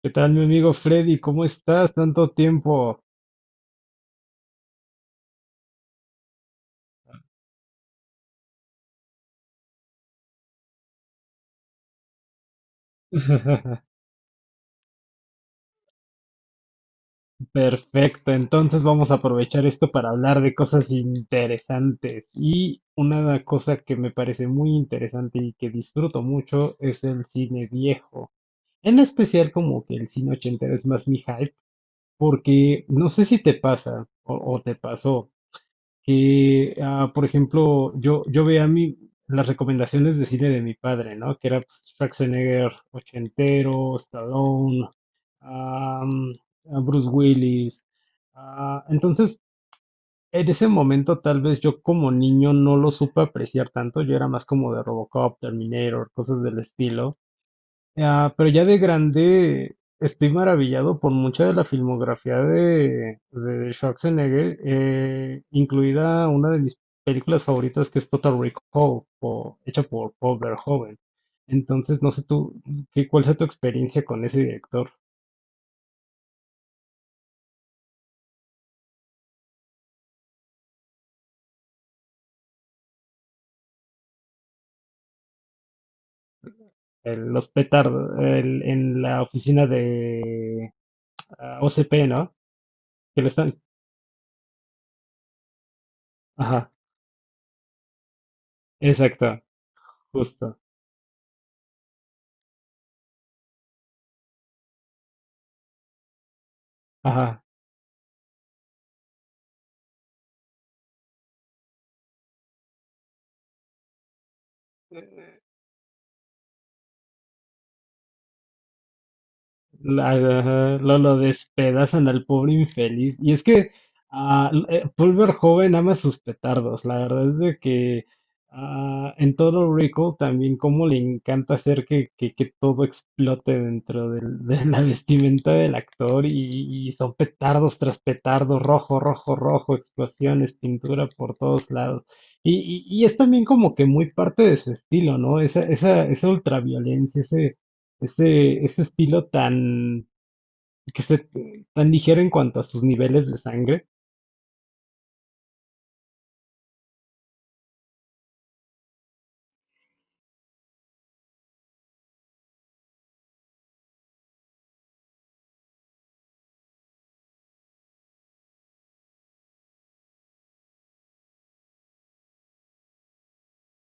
¿Qué tal, mi amigo Freddy? ¿Cómo estás? Tanto tiempo. Perfecto, entonces vamos a aprovechar esto para hablar de cosas interesantes. Y una cosa que me parece muy interesante y que disfruto mucho es el cine viejo. En especial como que el cine ochentero es más mi hype, porque no sé si te pasa o te pasó, que, por ejemplo, yo veía las recomendaciones de cine de mi padre, ¿no? Que era pues, Schwarzenegger ochentero, Stallone, am, a Bruce Willis. Entonces, en ese momento, tal vez yo como niño no lo supe apreciar tanto. Yo era más como de Robocop, Terminator, cosas del estilo. Pero ya de grande estoy maravillado por mucha de la filmografía de Schwarzenegger, incluida una de mis películas favoritas que es Total Recall, hecha por Paul Verhoeven. Entonces, no sé tú, cuál sea tu experiencia con ese director. Los petardos, en la oficina de OCP, ¿no? Que le están... Ajá, exacto, justo. Ajá. Lo despedazan al pobre infeliz. Y es que Paul Verhoeven ama sus petardos. La verdad es de que en todo Rico también como le encanta hacer que todo explote dentro del- de la vestimenta del actor y son petardos tras petardo, rojo, rojo, rojo, explosiones, pintura por todos lados. Y es también como que muy parte de su estilo, ¿no? Esa ultraviolencia, ese estilo tan, que se, tan ligero en cuanto a sus niveles de sangre.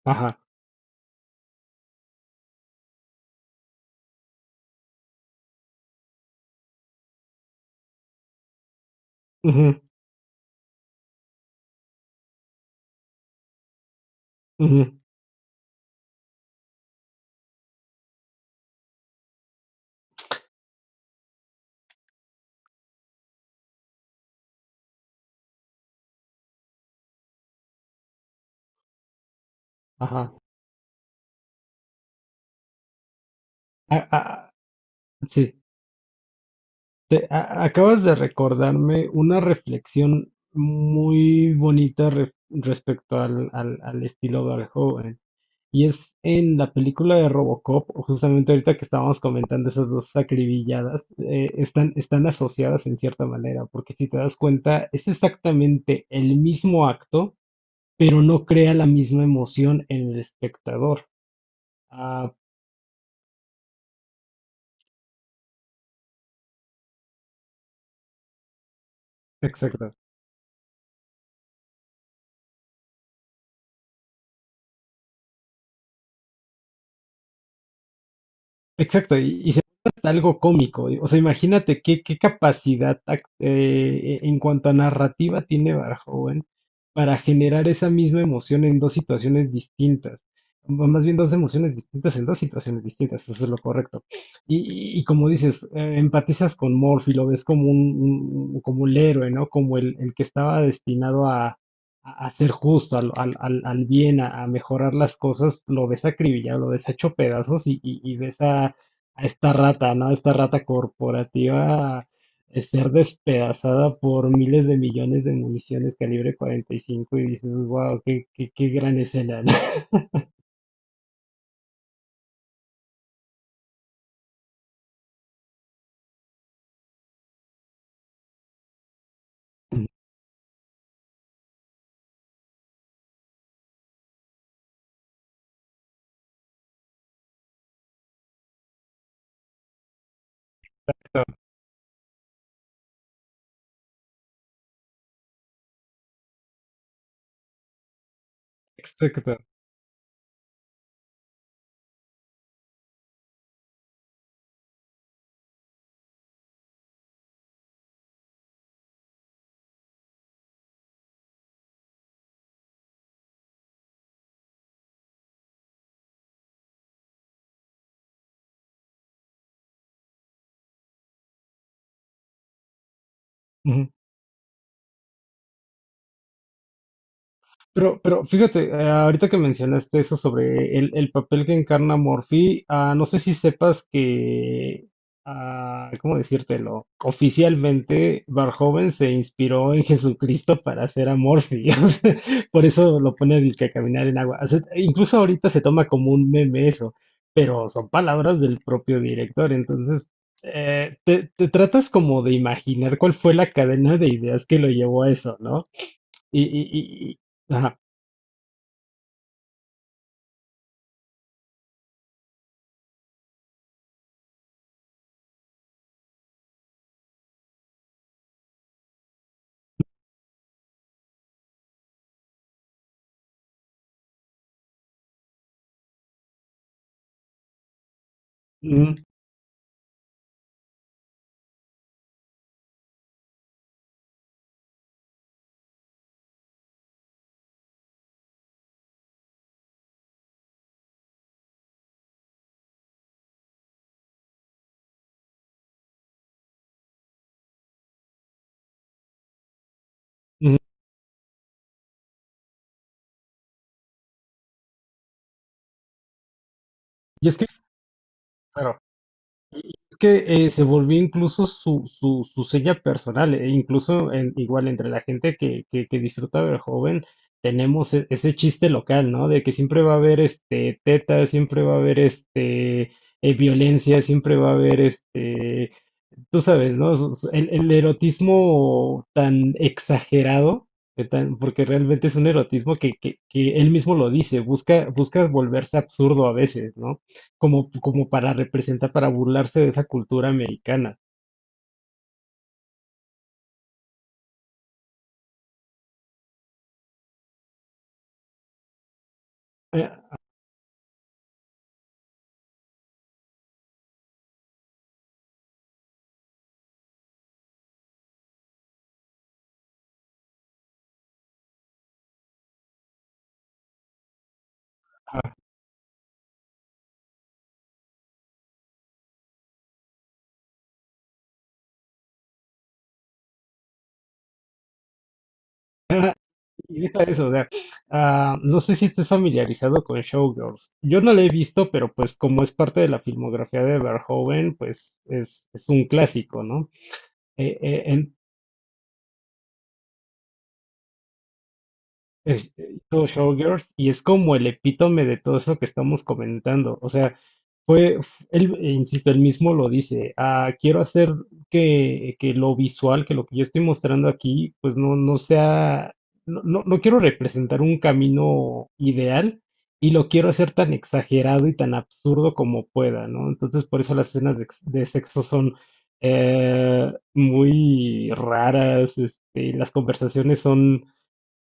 Ajá. Ujú, ujú, ajá. Ah, ah, Sí. Acabas de recordarme una reflexión muy bonita respecto al estilo de joven. Y es en la película de Robocop, justamente ahorita que estábamos comentando esas dos acribilladas, están asociadas en cierta manera, porque si te das cuenta, es exactamente el mismo acto, pero no crea la misma emoción en el espectador. Ah, exacto. Exacto, y se vuelve hasta algo cómico. O sea, imagínate qué, qué capacidad en cuanto a narrativa tiene Verhoeven para generar esa misma emoción en dos situaciones distintas. Más bien dos emociones distintas en dos situaciones distintas, eso es lo correcto. Y como dices, empatizas con Morphy, lo ves como como el héroe, ¿no? Como el que estaba destinado a ser justo, al bien, a mejorar las cosas, lo ves acribillado, lo ves hecho pedazos y ves a esta rata, ¿no? A esta rata corporativa ser despedazada por miles de millones de municiones calibre 45 y cinco y dices, wow, qué gran escena, ¿no? Exacto. Ujú. Pero fíjate, ahorita que mencionaste eso sobre el papel que encarna Morphy, no sé si sepas que, ¿cómo decírtelo? Oficialmente, Verhoeven se inspiró en Jesucristo para hacer a Morphy. O sea, por eso lo pone disque a caminar en agua. O sea, incluso ahorita se toma como un meme eso, pero son palabras del propio director. Entonces, te tratas como de imaginar cuál fue la cadena de ideas que lo llevó a eso, ¿no? Y, y, y- y- ajá. Ujú, ujú. Y es que, claro, es que se volvió incluso su seña personal, e incluso en- igual entre la gente que disfruta del joven, tenemos ese chiste local, ¿no? De que siempre va a haber este teta, siempre va a haber este violencia, siempre va a haber este tú sabes, ¿no? Es el erotismo tan exagerado, que tan- porque realmente es un erotismo que él mismo lo dice, busca, busca volverse absurdo a veces, ¿no? Como, como para representar, para burlarse de esa cultura americana. Eh, ah, y deja eso, o sea, no sé si estés familiarizado con Showgirls. Yo no la he visto, pero pues como es parte de la filmografía de Verhoeven, pues es un clásico, ¿no? Eh, eh, en- Hizo Showgirls y es como el epítome de todo eso que estamos comentando. O sea, él, insisto, él mismo lo dice, quiero hacer que lo visual, que lo que yo estoy mostrando aquí, pues no, no quiero representar un camino ideal y lo quiero hacer tan exagerado y tan absurdo como pueda, ¿no? Entonces, por eso las escenas de, de sexo son... muy raras, este, las conversaciones son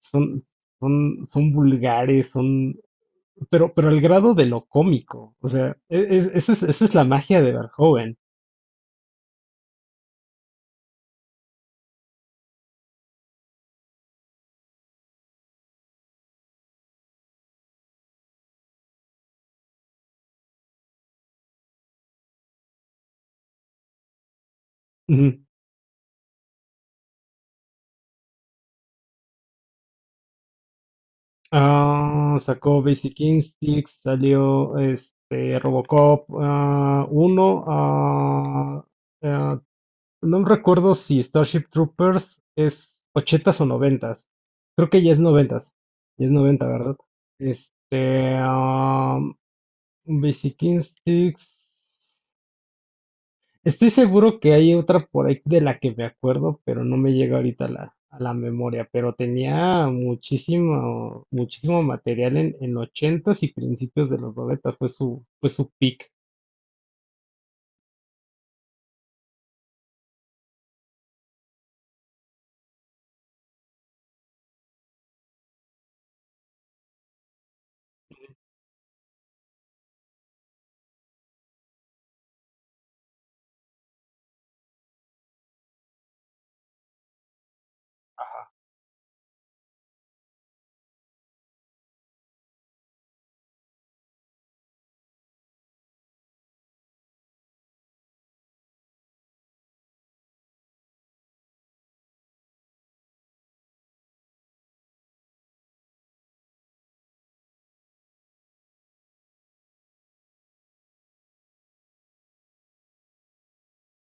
son, son vulgares, son, pero al grado de lo cómico. O sea, esa es la magia de Verhoeven. Ujú. Sacó Basic Instincts, salió este Robocop 1. Ah, no recuerdo si Starship Troopers es ochentas o noventas. Creo que ya es noventas. Ya es noventa, ¿verdad? Este, Basic Instincts. Estoy seguro que hay otra por ahí de la que me acuerdo, pero no me llega ahorita a la memoria. Pero tenía muchísimo, muchísimo material en ochentas y principios de los noventas. Fue su peak.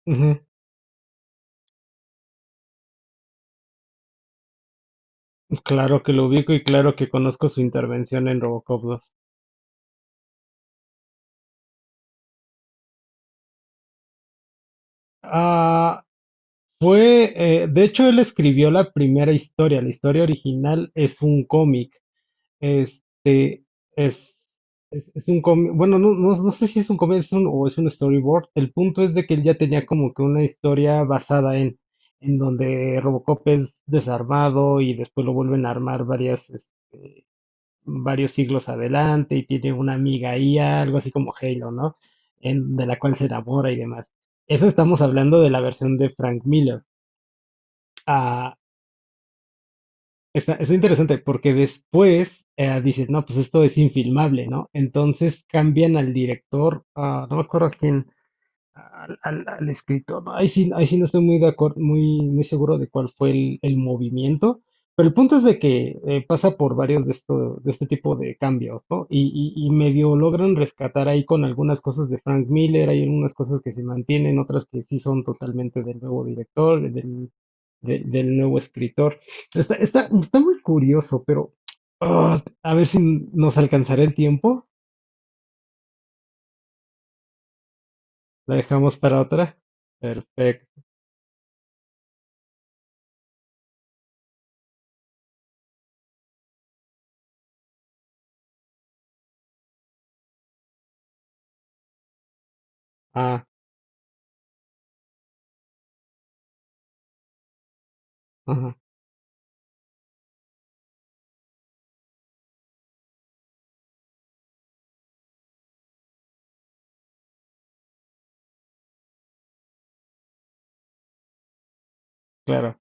Ujú. Claro que lo ubico y claro que conozco su intervención en Robocop dos. Ah, de hecho, él escribió la primera historia. La historia original es un cómic. Este es, es un cómic, bueno, no, no, no sé si es un cómic es o es un storyboard. El punto es de que él ya tenía como que una historia basada en donde Robocop es desarmado y después lo vuelven a armar varios siglos adelante y tiene una amiga IA, algo así como Halo, ¿no? En, de la cual se enamora y demás. Eso estamos hablando de la versión de Frank Miller. Ah, Está, está interesante porque después dicen, no, pues esto es infilmable, ¿no? Entonces cambian al director, no me acuerdo a quién, al escritor, ¿no? Ahí sí no estoy muy de acuerdo, muy, muy seguro de cuál fue el movimiento, pero el punto es de que pasa por varios de esto, de este tipo de cambios, ¿no? Y medio logran rescatar ahí con algunas cosas de Frank Miller, hay algunas cosas que se mantienen, otras que sí son totalmente del nuevo director, del nuevo escritor. Está muy curioso, pero a ver si nos alcanzará el tiempo. La dejamos para otra. Perfecto. Ah, ajá. Claro,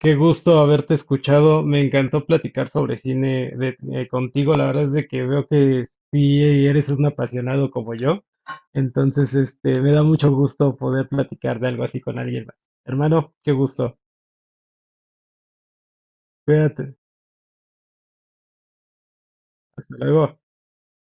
qué gusto haberte escuchado. Me encantó platicar sobre cine contigo. La verdad es de que veo que sí eres un apasionado como yo. Entonces, este, me da mucho gusto poder platicar de algo así con alguien más. Hermano, qué gusto. Cuídate. Hasta luego.